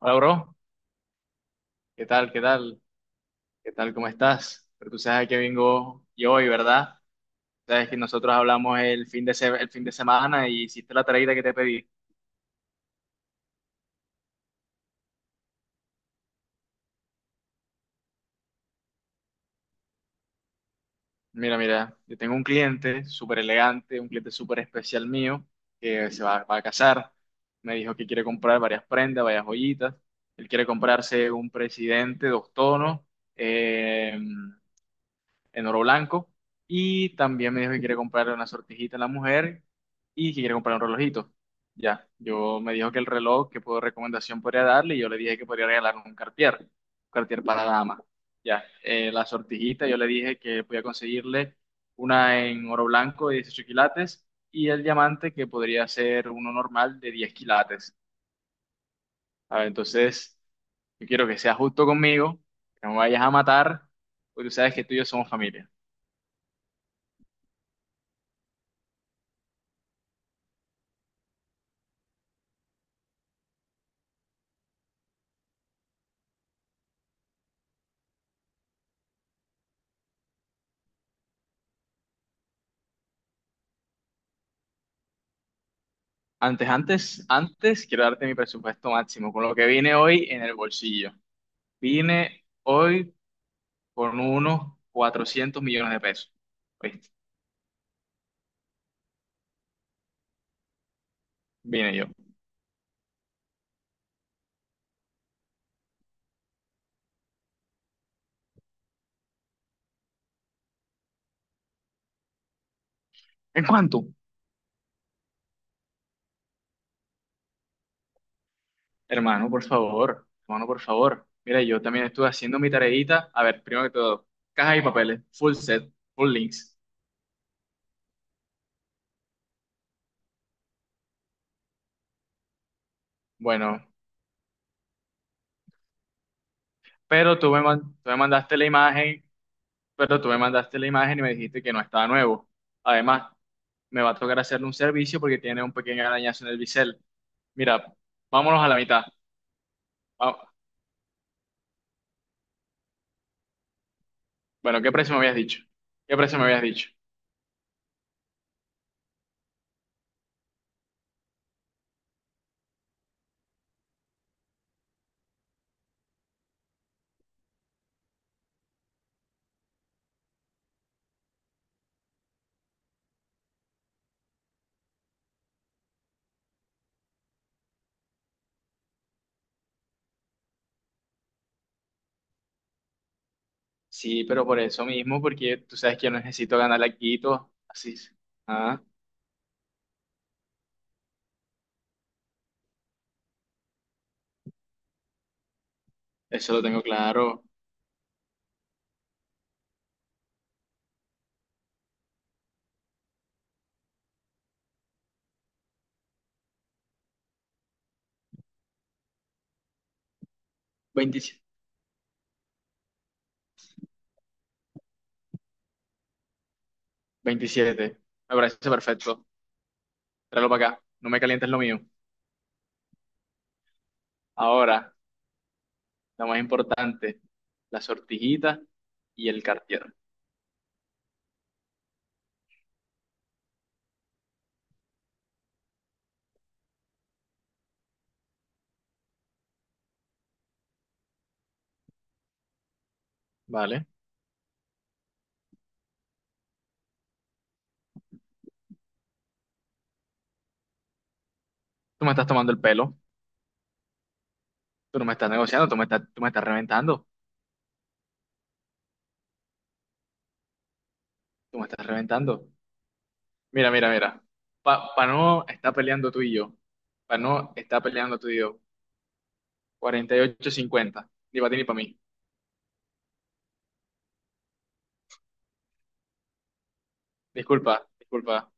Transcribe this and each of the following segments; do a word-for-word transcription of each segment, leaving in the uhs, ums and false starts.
Hola, bro. ¿Qué tal? ¿Qué tal? ¿Qué tal? ¿Cómo estás? Pero tú sabes que vengo yo hoy, ¿verdad? Sabes que nosotros hablamos el fin de, se- el fin de semana y hiciste la tareita que te pedí. Mira, mira, yo tengo un cliente súper elegante, un cliente súper especial mío, que se va, va a casar. Me dijo que quiere comprar varias prendas, varias joyitas. Él quiere comprarse un presidente, dos tonos, eh, en oro blanco. Y también me dijo que quiere comprar una sortijita a la mujer y que quiere comprar un relojito. Ya, yo me dijo que el reloj, que puedo recomendación podría darle, y yo le dije que podría regalarle un Cartier, un Cartier para dama. Ya, eh, la sortijita, yo le dije que podía conseguirle una en oro blanco de dieciocho quilates y el diamante que podría ser uno normal de diez quilates. A ver, entonces, yo quiero que seas justo conmigo, que no me vayas a matar, porque tú sabes que tú y yo somos familia. Antes, antes, antes quiero darte mi presupuesto máximo, con lo que vine hoy en el bolsillo. Vine hoy con unos cuatrocientos millones de pesos. ¿Viste? Vine yo. ¿En cuánto? Hermano, por favor. Hermano, por favor. Mira, yo también estuve haciendo mi tareita. A ver, primero que todo, caja y papeles, full set, full links. Bueno, pero tú me, man- tú me mandaste la imagen, pero tú me mandaste la imagen y me dijiste que no estaba nuevo. Además, me va a tocar hacerle un servicio porque tiene un pequeño arañazo en el bisel. Mira, vámonos a la mitad. Va- Bueno, ¿qué precio me habías dicho? ¿Qué precio me habías dicho? Sí, pero por eso mismo, porque tú sabes que yo necesito ganar la Quito. Así es. Ah, eso lo tengo claro. Veintisiete. Veintisiete. Me parece perfecto. Tráelo para acá. No me calientes lo mío. Ahora, lo más importante, la sortijita y el Cartier. ¿Vale? Tú me estás tomando el pelo. Tú no me estás negociando. Tú me estás, tú me estás reventando. Tú me estás reventando. Mira, mira, mira. Pa Pano está peleando tú y yo. Pano está peleando tú y yo. Cuarenta y ocho cincuenta. Ni para ti ni para mí. Disculpa, disculpa.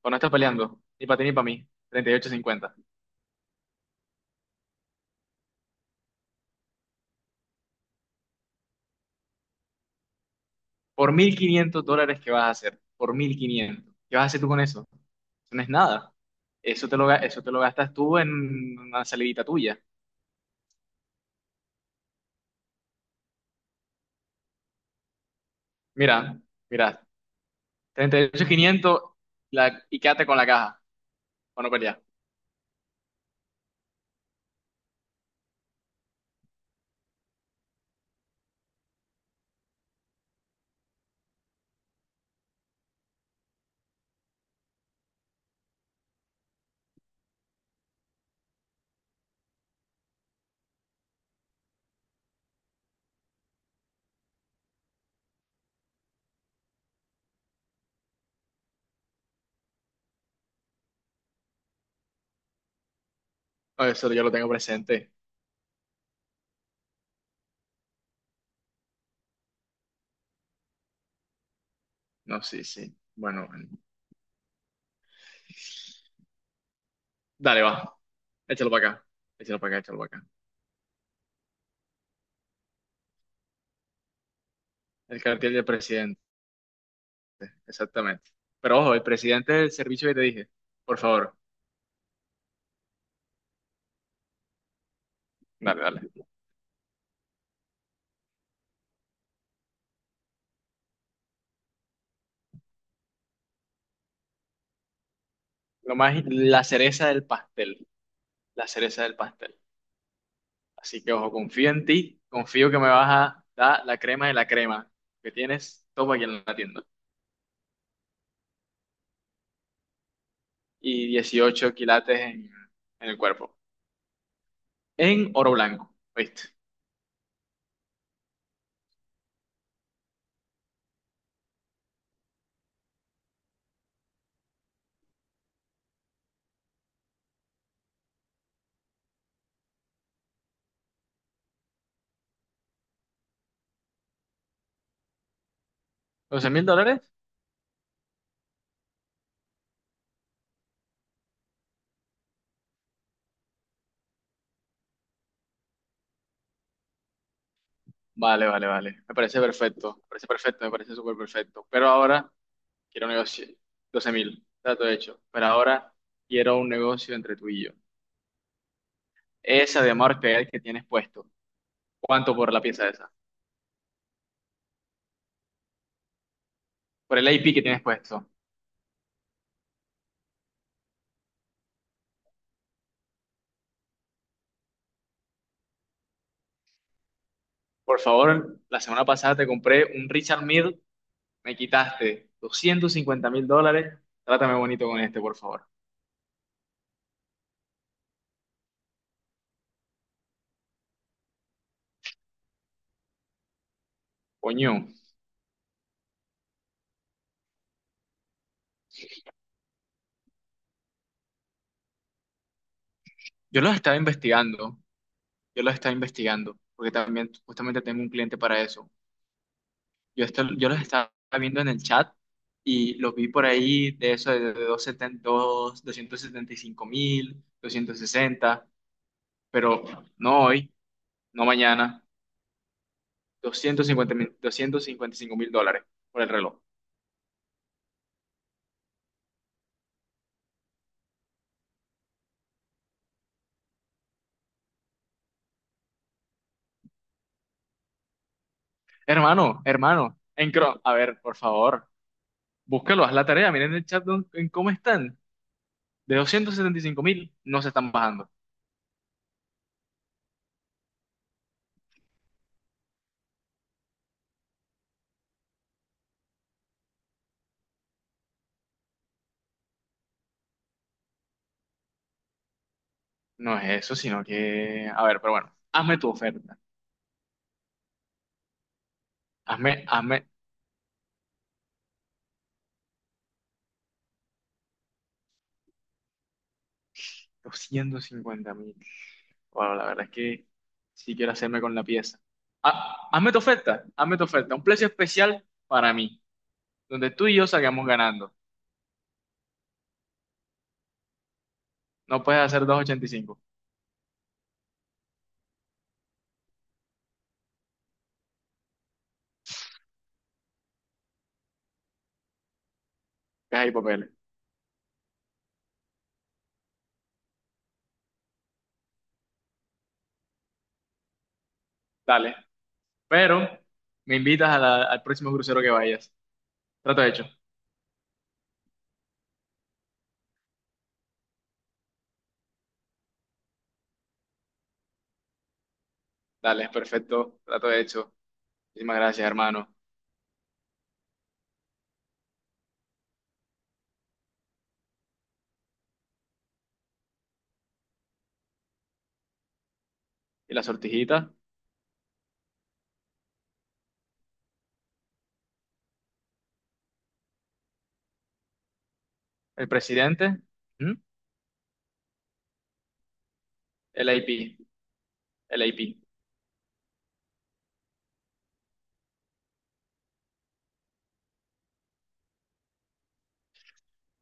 Pano está peleando. Ni para ti ni para mí. Treinta y ocho cincuenta. Por mil quinientos dólares, ¿qué vas a hacer? Por mil quinientos, ¿qué vas a hacer tú con eso? Eso no es nada. Eso te lo, ga- eso te lo gastas tú en una salidita tuya. Mira, mira. Treinta y ocho quinientos, la- y quédate con la caja. Para no pelear. Oh, eso yo lo tengo presente. No, sí, sí. Bueno, dale, va. Échalo para acá. Échalo para acá, échalo para acá. El cartel del presidente, exactamente. Pero ojo, el presidente del servicio que te dije. Por favor, dale, dale. Lo más, la cereza del pastel. La cereza del pastel. Así que ojo, confío en ti. Confío que me vas a dar la crema de la crema que tienes. Toma aquí en la tienda. Y dieciocho quilates en, en el cuerpo. En oro blanco. ¿Viste? ¿Doce mil dólares? Vale, vale, vale. Me parece perfecto. Me parece perfecto, me parece súper perfecto. Pero ahora. Quiero un negocio, 12 mil, trato hecho. Pero ahora quiero un negocio entre tú y yo. Esa de amor que que tienes puesto. ¿Cuánto por la pieza esa? Por el A P que tienes puesto. Por favor, la semana pasada te compré un Richard Mille, me quitaste doscientos cincuenta mil dólares. Trátame bonito con este, por favor. Coño, yo los estaba investigando, yo los estaba investigando, porque también justamente tengo un cliente para eso. Yo, esto, yo los estaba viendo en el chat y los vi por ahí de eso de doscientos setenta y cinco mil, doscientos sesenta, pero no hoy, no mañana, doscientos cincuenta mil, doscientos cincuenta y cinco mil dólares por el reloj. Hermano, hermano, en Chrome, a ver, por favor, búscalo, haz la tarea, miren el chat don- en cómo están. De doscientos setenta y cinco mil no se están bajando. No es eso, sino que, a ver, pero bueno, hazme tu oferta, hazme, hazme doscientos cincuenta mil. Bueno, la verdad es que sí quiero hacerme con la pieza. Ah, hazme tu oferta, hazme tu oferta. Un precio especial para mí, donde tú y yo salgamos ganando. No puedes hacer dos ochenta y cinco. Caja y papeles. Dale. Pero me invitas a la- al próximo crucero que vayas. Trato hecho. Dale, perfecto. Trato hecho. Muchísimas gracias, hermano. ¿Y la sortijita? ¿El presidente? ¿Mm? El I P. El I P.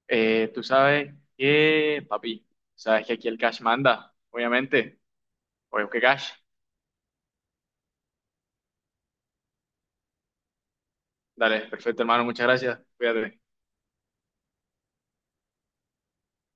Eh, tú sabes que, papi, sabes que aquí el cash manda, obviamente. Oye, ¿qué cash? Dale, perfecto, hermano, muchas gracias. Cuídate.